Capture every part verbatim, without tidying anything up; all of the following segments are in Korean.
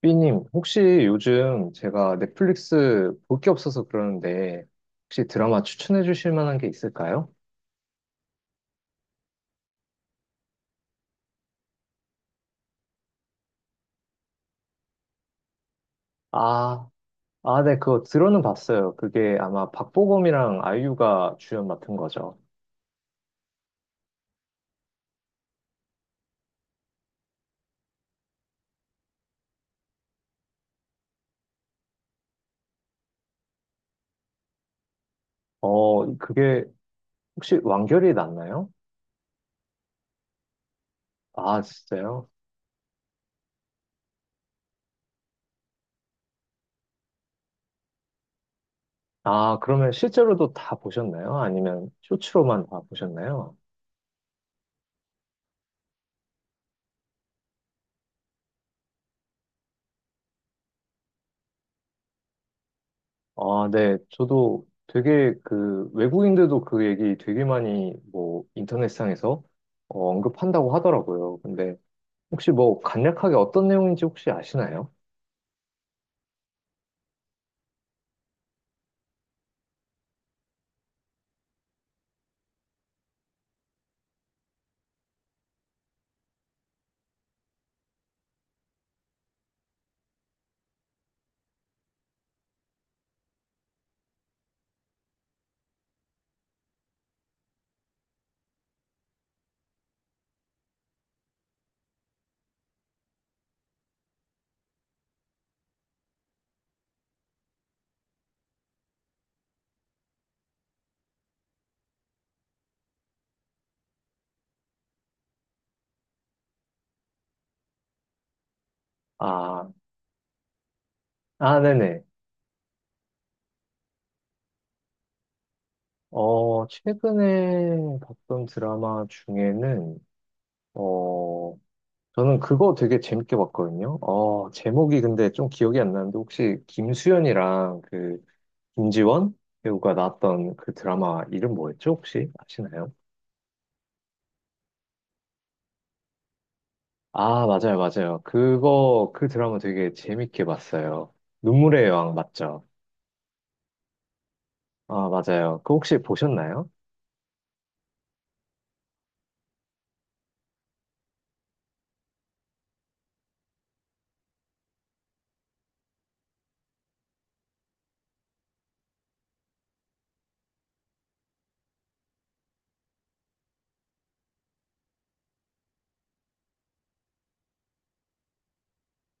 삐님, 혹시 요즘 제가 넷플릭스 볼 게 없어서 그러는데, 혹시 드라마 추천해 주실 만한 게 있을까요? 아, 아, 네, 그거 들어는 봤어요. 그게 아마 박보검이랑 아이유가 주연 맡은 거죠. 어, 그게 혹시 완결이 났나요? 아, 진짜요? 아, 그러면 실제로도 다 보셨나요? 아니면 쇼츠로만 다 보셨나요? 아, 네. 저도 되게 그 외국인들도 그 얘기 되게 많이 뭐 인터넷상에서 어, 언급한다고 하더라고요. 근데 혹시 뭐 간략하게 어떤 내용인지 혹시 아시나요? 아, 아, 네네. 어, 최근에 봤던 드라마 중에는 어, 저는 그거 되게 재밌게 봤거든요. 어, 제목이 근데 좀 기억이 안 나는데 혹시 김수현이랑 그 김지원 배우가 나왔던 그 드라마 이름 뭐였죠? 혹시 아시나요? 아, 맞아요, 맞아요. 그거, 그 드라마 되게 재밌게 봤어요. 눈물의 여왕 맞죠? 아, 맞아요. 그 혹시 보셨나요?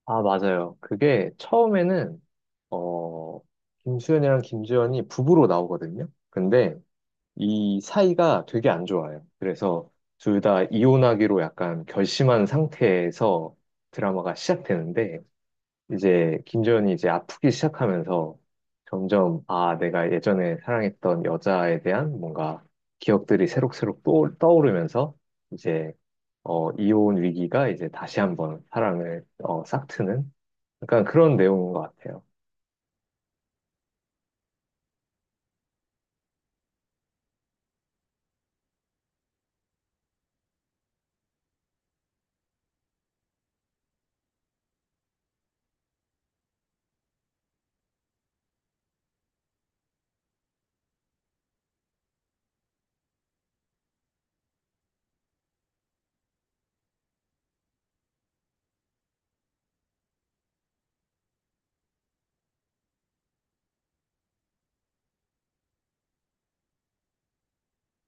아, 맞아요. 그게 처음에는, 어, 김수현이랑 김주현이 부부로 나오거든요. 근데 이 사이가 되게 안 좋아요. 그래서 둘 다 이혼하기로 약간 결심한 상태에서 드라마가 시작되는데, 이제 김지현이 이제 아프기 시작하면서 점점 아 내가 예전에 사랑했던 여자에 대한 뭔가 기억들이 새록새록 또 떠오르면서 이제 어 이혼 위기가 이제 다시 한번 사랑을 어 싹트는 약간 그런 내용인 것 같아요.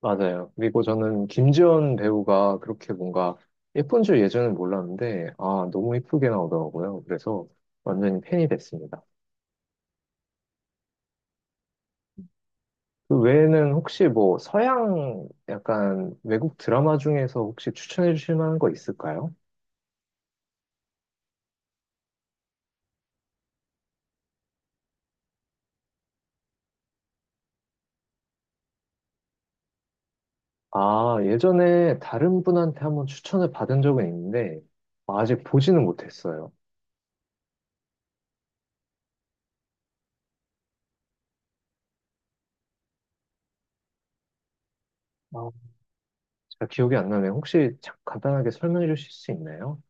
맞아요. 그리고 저는 김지현 배우가 그렇게 뭔가 예쁜 줄 예전엔 몰랐는데 아 너무 예쁘게 나오더라고요. 그래서 완전히 팬이 됐습니다. 그 외에는 혹시 뭐 서양 약간 외국 드라마 중에서 혹시 추천해 주실 만한 거 있을까요? 아, 예전에 다른 분한테 한번 추천을 받은 적은 있는데 아직 보지는 못했어요. 아, 제가 기억이 안 나네요. 혹시 자- 간단하게 설명해 주실 수 있나요?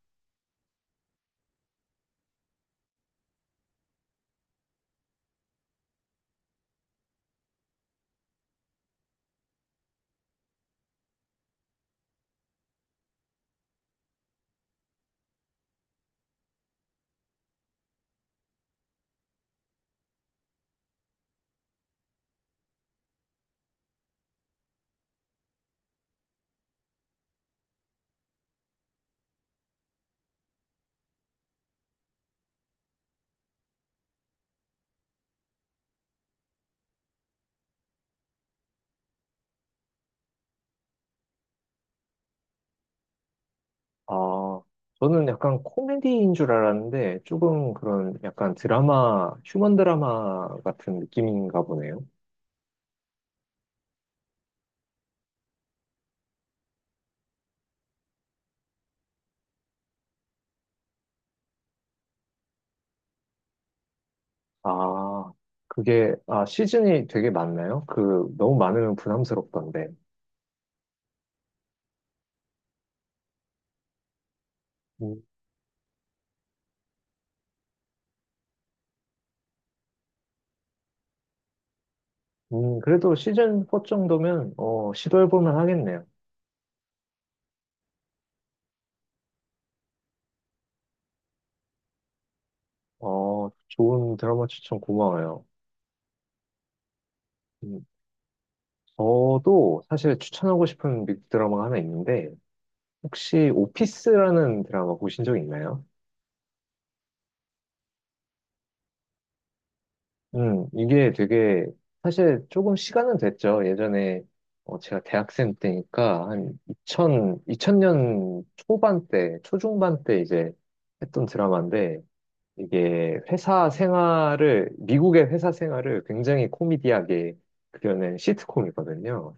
아, 저는 약간 코미디인 줄 알았는데 조금 그런 약간 드라마, 휴먼 드라마 같은 느낌인가 보네요. 아, 그게, 아, 시즌이 되게 많나요? 그, 너무 많으면 부담스럽던데. 음, 음, 그래도 시즌 사 정도면, 어, 시도해보면 하겠네요. 어, 좋은 드라마 추천 고마워요. 음, 저도 사실 추천하고 싶은 빅 드라마가 하나 있는데, 혹시 오피스라는 드라마 보신 적 있나요? 음, 이게 되게, 사실 조금 시간은 됐죠. 예전에, 어, 제가 대학생 때니까, 한 이천, 이천 년 초반 때, 초중반 때 이제 했던 드라마인데, 이게 회사 생활을, 미국의 회사 생활을 굉장히 코미디하게 그려낸 시트콤이거든요.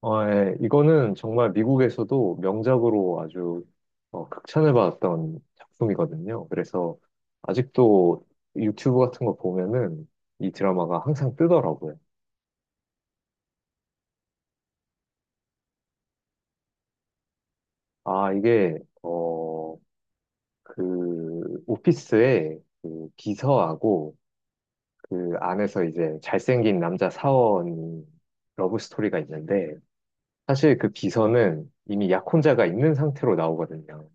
어, 예. 이거는 정말 미국에서도 명작으로 아주 어, 극찬을 받았던 작품이거든요. 그래서 아직도 유튜브 같은 거 보면은 이 드라마가 항상 뜨더라고요. 아, 이게, 어, 그, 오피스에 그 비서하고 그 안에서 이제 잘생긴 남자 사원 러브 스토리가 있는데 사실 그 비서는 이미 약혼자가 있는 상태로 나오거든요.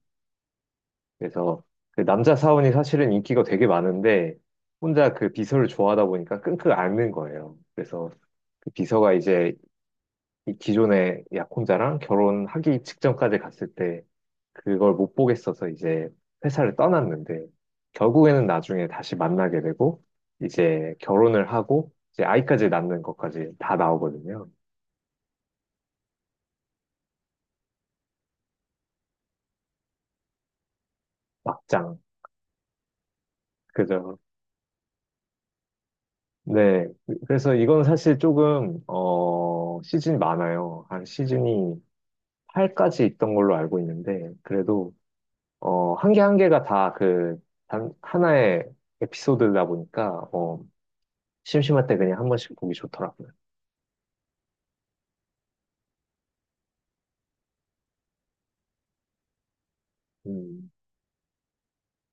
그래서 그 남자 사원이 사실은 인기가 되게 많은데 혼자 그 비서를 좋아하다 보니까 끙끙 앓는 거예요. 그래서 그 비서가 이제 이 기존의 약혼자랑 결혼하기 직전까지 갔을 때 그걸 못 보겠어서 이제 회사를 떠났는데 결국에는 나중에 다시 만나게 되고 이제 결혼을 하고 이제 아이까지 낳는 것까지 다 나오거든요. 막장. 그죠. 네. 그래서 이건 사실 조금, 어, 시즌이 많아요. 한 시즌이 팔까지 있던 걸로 알고 있는데, 그래도, 어, 한 개 한 개가 다 그, 단, 하나의 에피소드다 보니까, 어, 심심할 때 그냥 한 번씩 보기 좋더라고요. 음.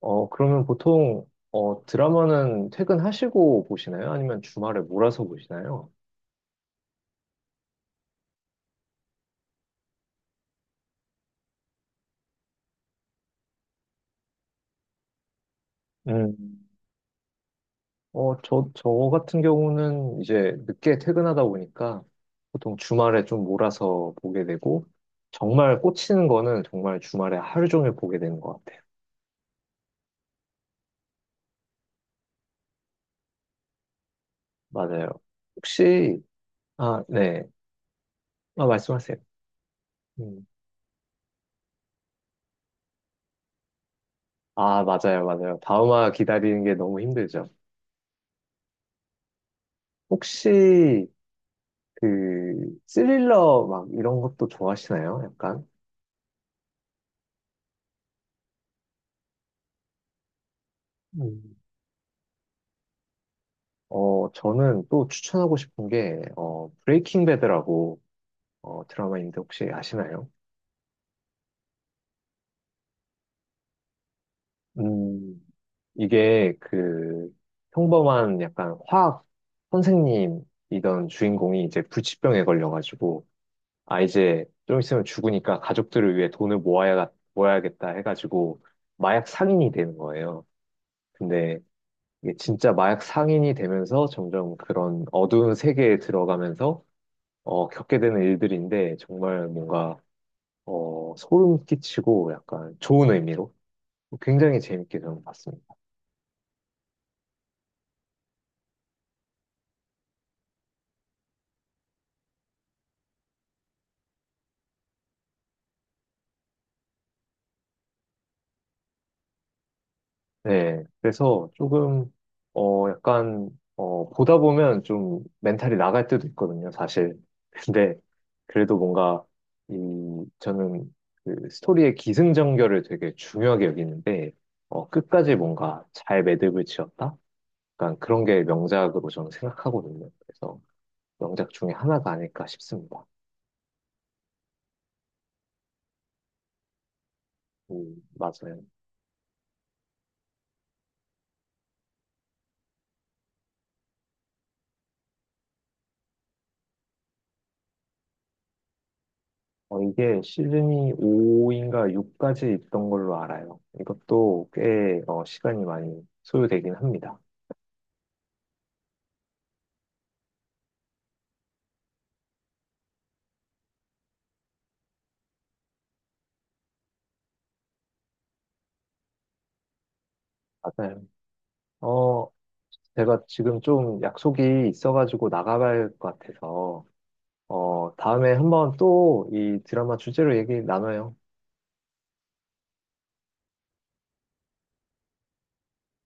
어, 그러면 보통, 어, 드라마는 퇴근하시고 보시나요? 아니면 주말에 몰아서 보시나요? 음. 어, 저, 저 같은 경우는 이제 늦게 퇴근하다 보니까 보통 주말에 좀 몰아서 보게 되고, 정말 꽂히는 거는 정말 주말에 하루 종일 보게 되는 것 같아요. 맞아요. 혹시, 아, 네. 아, 말씀하세요. 음. 아, 맞아요, 맞아요. 다음화 기다리는 게 너무 힘들죠. 혹시, 그, 스릴러 막 이런 것도 좋아하시나요? 약간? 음. 어, 저는 또 추천하고 싶은 게, 어, 브레이킹 배드라고, 어, 드라마인데 혹시 아시나요? 음, 이게 그, 평범한 약간 화학 선생님이던 주인공이 이제 불치병에 걸려가지고, 아, 이제 좀 있으면 죽으니까 가족들을 위해 돈을 모아야, 모아야겠다 해가지고 마약 상인이 되는 거예요. 근데 이게 진짜 마약 상인이 되면서 점점 그런 어두운 세계에 들어가면서 어, 겪게 되는 일들인데 정말 뭔가 어, 소름 끼치고 약간 좋은 의미로 굉장히 재밌게 저는 봤습니다. 네, 그래서 조금, 어, 약간, 어, 보다 보면 좀 멘탈이 나갈 때도 있거든요, 사실. 근데 그래도 뭔가, 이, 저는 그 스토리의 기승전결을 되게 중요하게 여기는데, 어, 끝까지 뭔가 잘 매듭을 지었다? 약간 그런 게 명작으로 저는 생각하거든요. 그래서 명작 중에 하나가 아닐까 싶습니다. 음, 맞아요. 어, 이게 시즌이 오인가 육까지 있던 걸로 알아요. 이것도 꽤 어, 시간이 많이 소요되긴 합니다. 맞아요. 어, 제가 지금 좀 약속이 있어가지고 나가봐야 할 것 같아서, 어, 다음에 한번 또 이 드라마 주제로 얘기 나눠요.